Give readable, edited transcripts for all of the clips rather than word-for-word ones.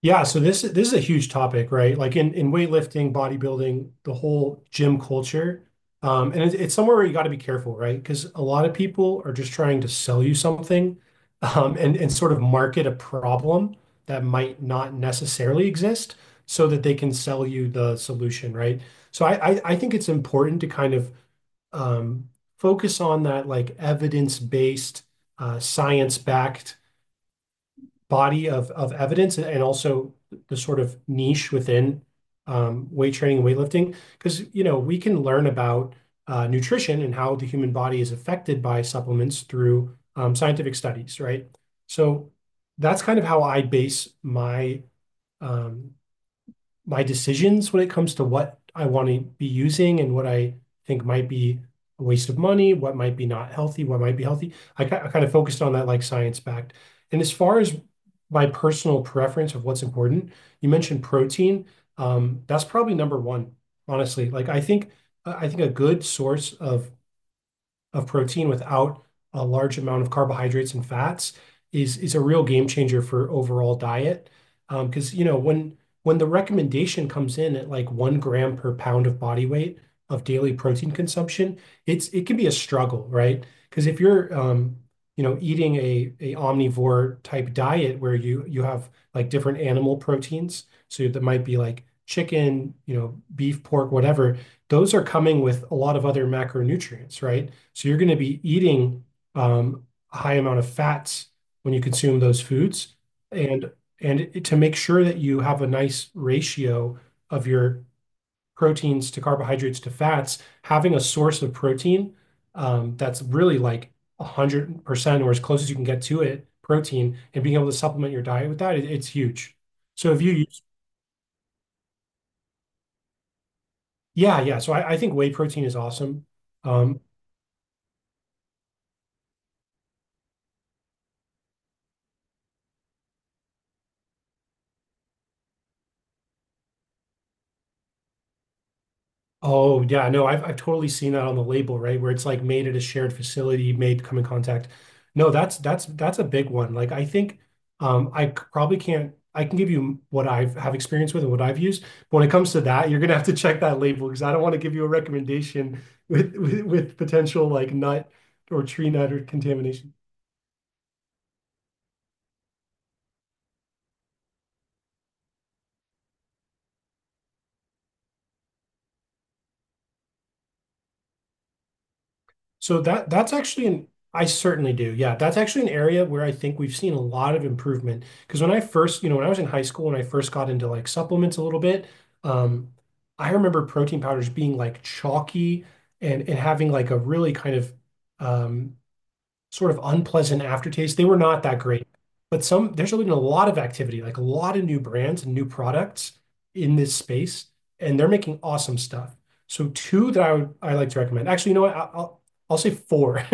Yeah, so this is a huge topic, right? Like in weightlifting, bodybuilding, the whole gym culture, and it's somewhere where you got to be careful, right? Because a lot of people are just trying to sell you something, and sort of market a problem that might not necessarily exist, so that they can sell you the solution, right? So I think it's important to kind of um, focus on that like evidence-based, science-backed body of evidence and also the sort of niche within weight training and weightlifting. Because, you know, we can learn about nutrition and how the human body is affected by supplements through scientific studies, right? So that's kind of how I base my um, my decisions when it comes to what I want to be using and what I think might be a waste of money, what might be not healthy, what might be healthy. I kind of focused on that like science-backed. And as far as my personal preference of what's important, you mentioned protein. That's probably number one, honestly. Like I think a good source of protein without a large amount of carbohydrates and fats is a real game changer for overall diet. Because, you know, when the recommendation comes in at like 1 gram per pound of body weight of daily protein consumption, it can be a struggle, right? Because if you're, you know, eating a omnivore type diet where you have like different animal proteins, so that might be like chicken, you know, beef, pork, whatever, those are coming with a lot of other macronutrients, right? So you're going to be eating um, a high amount of fats when you consume those foods. And to make sure that you have a nice ratio of your proteins to carbohydrates to fats, having a source of protein that's really like 100% or as close as you can get to it, protein, and being able to supplement your diet with that, it's huge. So if you use, yeah, yeah. So I think whey protein is awesome. Um, Oh yeah, no, I've totally seen that on the label, right? Where it's like made at a shared facility, made come in contact. No, that's that's a big one. Like I think I c- probably can't I can give you what I've have experience with and what I've used. But when it comes to that, you're gonna have to check that label because I don't want to give you a recommendation with, with potential like nut or tree nut or contamination. So that that's actually an I certainly do. Yeah, that's actually an area where I think we've seen a lot of improvement. Because when I first, you know, when I was in high school and I first got into like supplements a little bit, um, I remember protein powders being like chalky and having like a really kind of um, sort of unpleasant aftertaste. They were not that great. But some there's been a lot of activity, like a lot of new brands and new products in this space, and they're making awesome stuff. So two that I like to recommend. Actually, you know what? I- will I'll say four.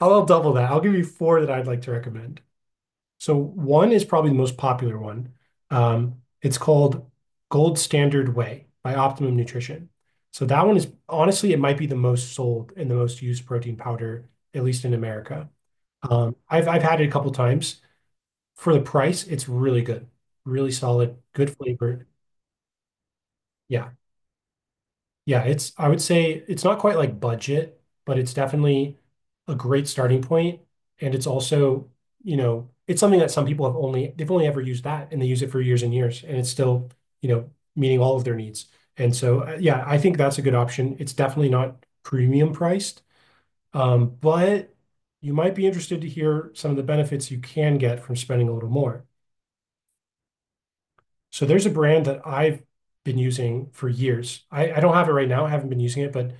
I'll double that. I'll give you four that I'd like to recommend. So one is probably the most popular one. Um, it's called Gold Standard Whey by Optimum Nutrition. So that one is honestly, it might be the most sold and the most used protein powder, at least in America. I've had it a couple times. For the price, it's really good. Really solid, good flavor. Yeah. Yeah, it's I would say it's not quite like budget, but it's definitely a great starting point. And it's also, you know, it's something that some people have only they've only ever used that and they use it for years and years and it's still, you know, meeting all of their needs. And so yeah, I think that's a good option. It's definitely not premium priced, but you might be interested to hear some of the benefits you can get from spending a little more. So there's a brand that I've been using for years. I don't have it right now. I haven't been using it, but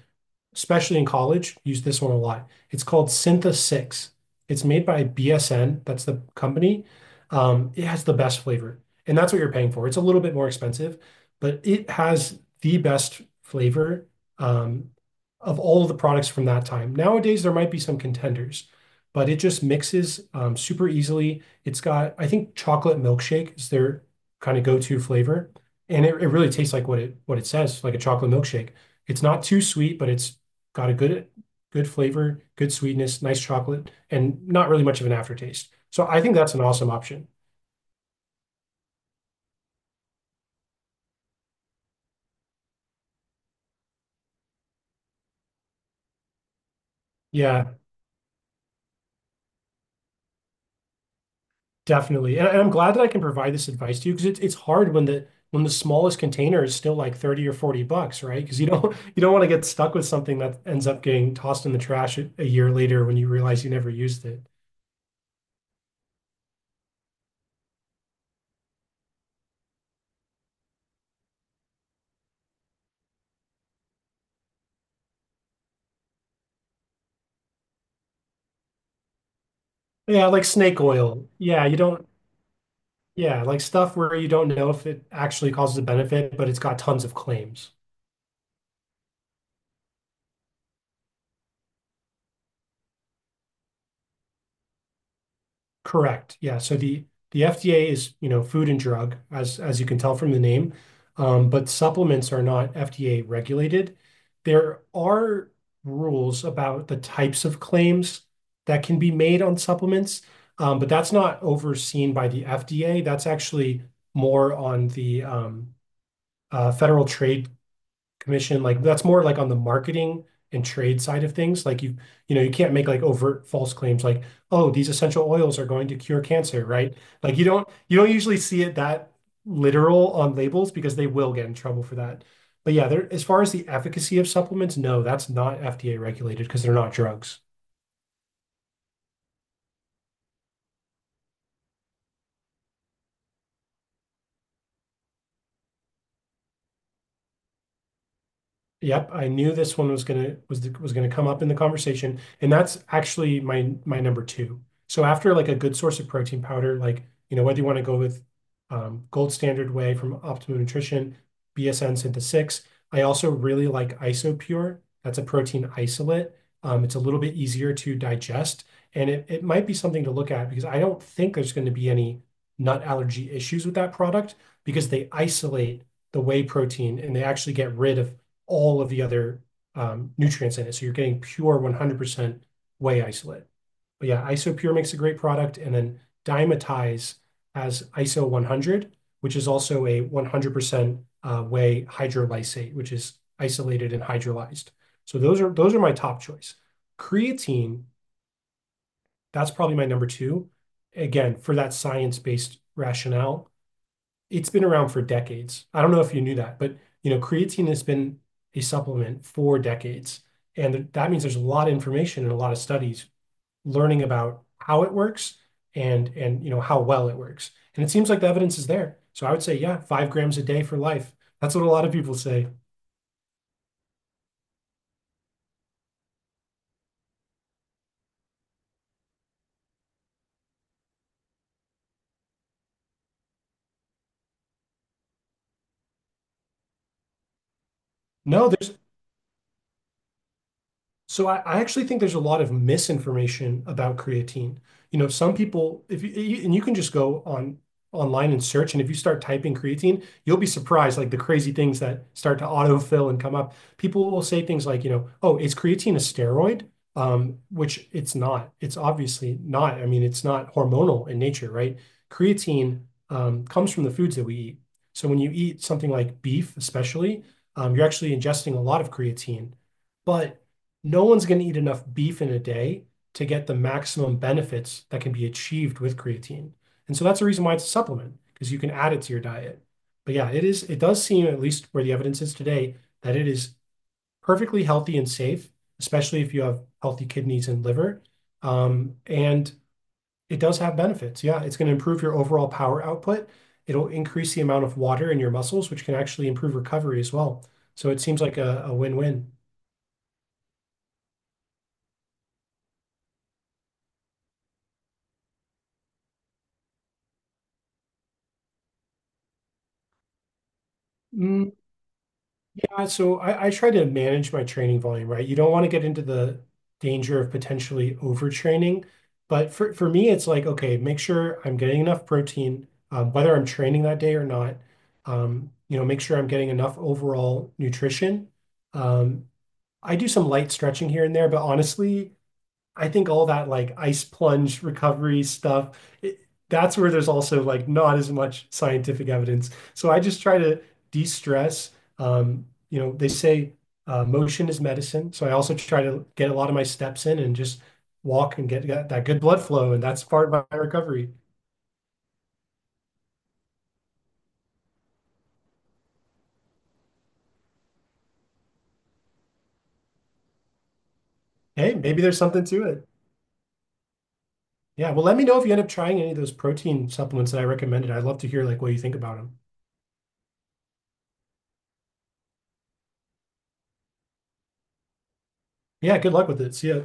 especially in college, use this one a lot. It's called Syntha 6. It's made by BSN, that's the company. It has the best flavor, and that's what you're paying for. It's a little bit more expensive, but it has the best flavor um, of all of the products from that time. Nowadays, there might be some contenders, but it just mixes super easily. It's got, I think, chocolate milkshake is their kind of go-to flavor, and it really tastes like what it says, like a chocolate milkshake. It's not too sweet, but it's got a good flavor, good sweetness, nice chocolate, and not really much of an aftertaste. So I think that's an awesome option. Yeah, definitely. And I'm glad that I can provide this advice to you because it's hard when the smallest container is still like 30 or 40 bucks, right? Because you don't you don't want to get stuck with something that ends up getting tossed in the trash a year later when you realize you never used it. Yeah, like snake oil. Yeah, you don't yeah, like stuff where you don't know if it actually causes a benefit, but it's got tons of claims. Correct. Yeah. So the FDA is, you know, food and drug, as you can tell from the name. But supplements are not FDA regulated. There are rules about the types of claims that can be made on supplements, but that's not overseen by the FDA. That's actually more on the Federal Trade commission, like that's more like on the marketing and trade side of things. Like you know you can't make like overt false claims like oh, these essential oils are going to cure cancer, right? Like you don't usually see it that literal on labels because they will get in trouble for that. But yeah, there as far as the efficacy of supplements, no, that's not FDA regulated because they're not drugs. Yep, I knew this one was was gonna come up in the conversation, and that's actually my number two. So after like a good source of protein powder, like you know whether you want to go with Gold Standard Whey from Optimum Nutrition, BSN Synth 6. I also really like IsoPure. That's a protein isolate. It's a little bit easier to digest, and it might be something to look at because I don't think there's going to be any nut allergy issues with that product because they isolate the whey protein and they actually get rid of all of the other nutrients in it. So you're getting pure 100% whey isolate. But yeah, Isopure makes a great product. And then Dymatize has ISO 100, which is also a 100% whey hydrolysate, which is isolated and hydrolyzed. So those are my top choice. Creatine, that's probably my number two. Again, for that science-based rationale, it's been around for decades. I don't know if you knew that, but you know, creatine has been a supplement for decades. And that means there's a lot of information and a lot of studies learning about how it works and you know how well it works. And it seems like the evidence is there. So I would say, yeah, 5 grams a day for life. That's what a lot of people say. No, there's So I actually think there's a lot of misinformation about creatine. You know, some people, if you, you- and you can just go on online and search, and if you start typing creatine, you'll be surprised, like the crazy things that start to autofill and come up. People will say things like, you know, oh, is creatine a steroid? Which it's not. It's obviously not. I mean, it's not hormonal in nature, right? Creatine, comes from the foods that we eat. So when you eat something like beef, especially, you're actually ingesting a lot of creatine. But no one's going to eat enough beef in a day to get the maximum benefits that can be achieved with creatine. And so that's the reason why it's a supplement, because you can add it to your diet. But yeah, it is, it does seem, at least where the evidence is today, that it is perfectly healthy and safe, especially if you have healthy kidneys and liver. And it does have benefits. Yeah, it's going to improve your overall power output. It'll increase the amount of water in your muscles, which can actually improve recovery as well. So it seems like a win-win. Mm, yeah, so I try to manage my training volume, right? You don't want to get into the danger of potentially overtraining. But for me, it's like, okay, make sure I'm getting enough protein, whether I'm training that day or not. You know, make sure I'm getting enough overall nutrition. Um, I do some light stretching here and there, but honestly, I think all that like ice plunge recovery stuff, that's where there's also like not as much scientific evidence. So I just try to de-stress. You know, they say motion is medicine. So I also try to get a lot of my steps in and just walk and get that good blood flow. And that's part of my recovery. Hey, maybe there's something to it. Yeah. Well, let me know if you end up trying any of those protein supplements that I recommended. I'd love to hear like what you think about them. Yeah. Good luck with it. See ya.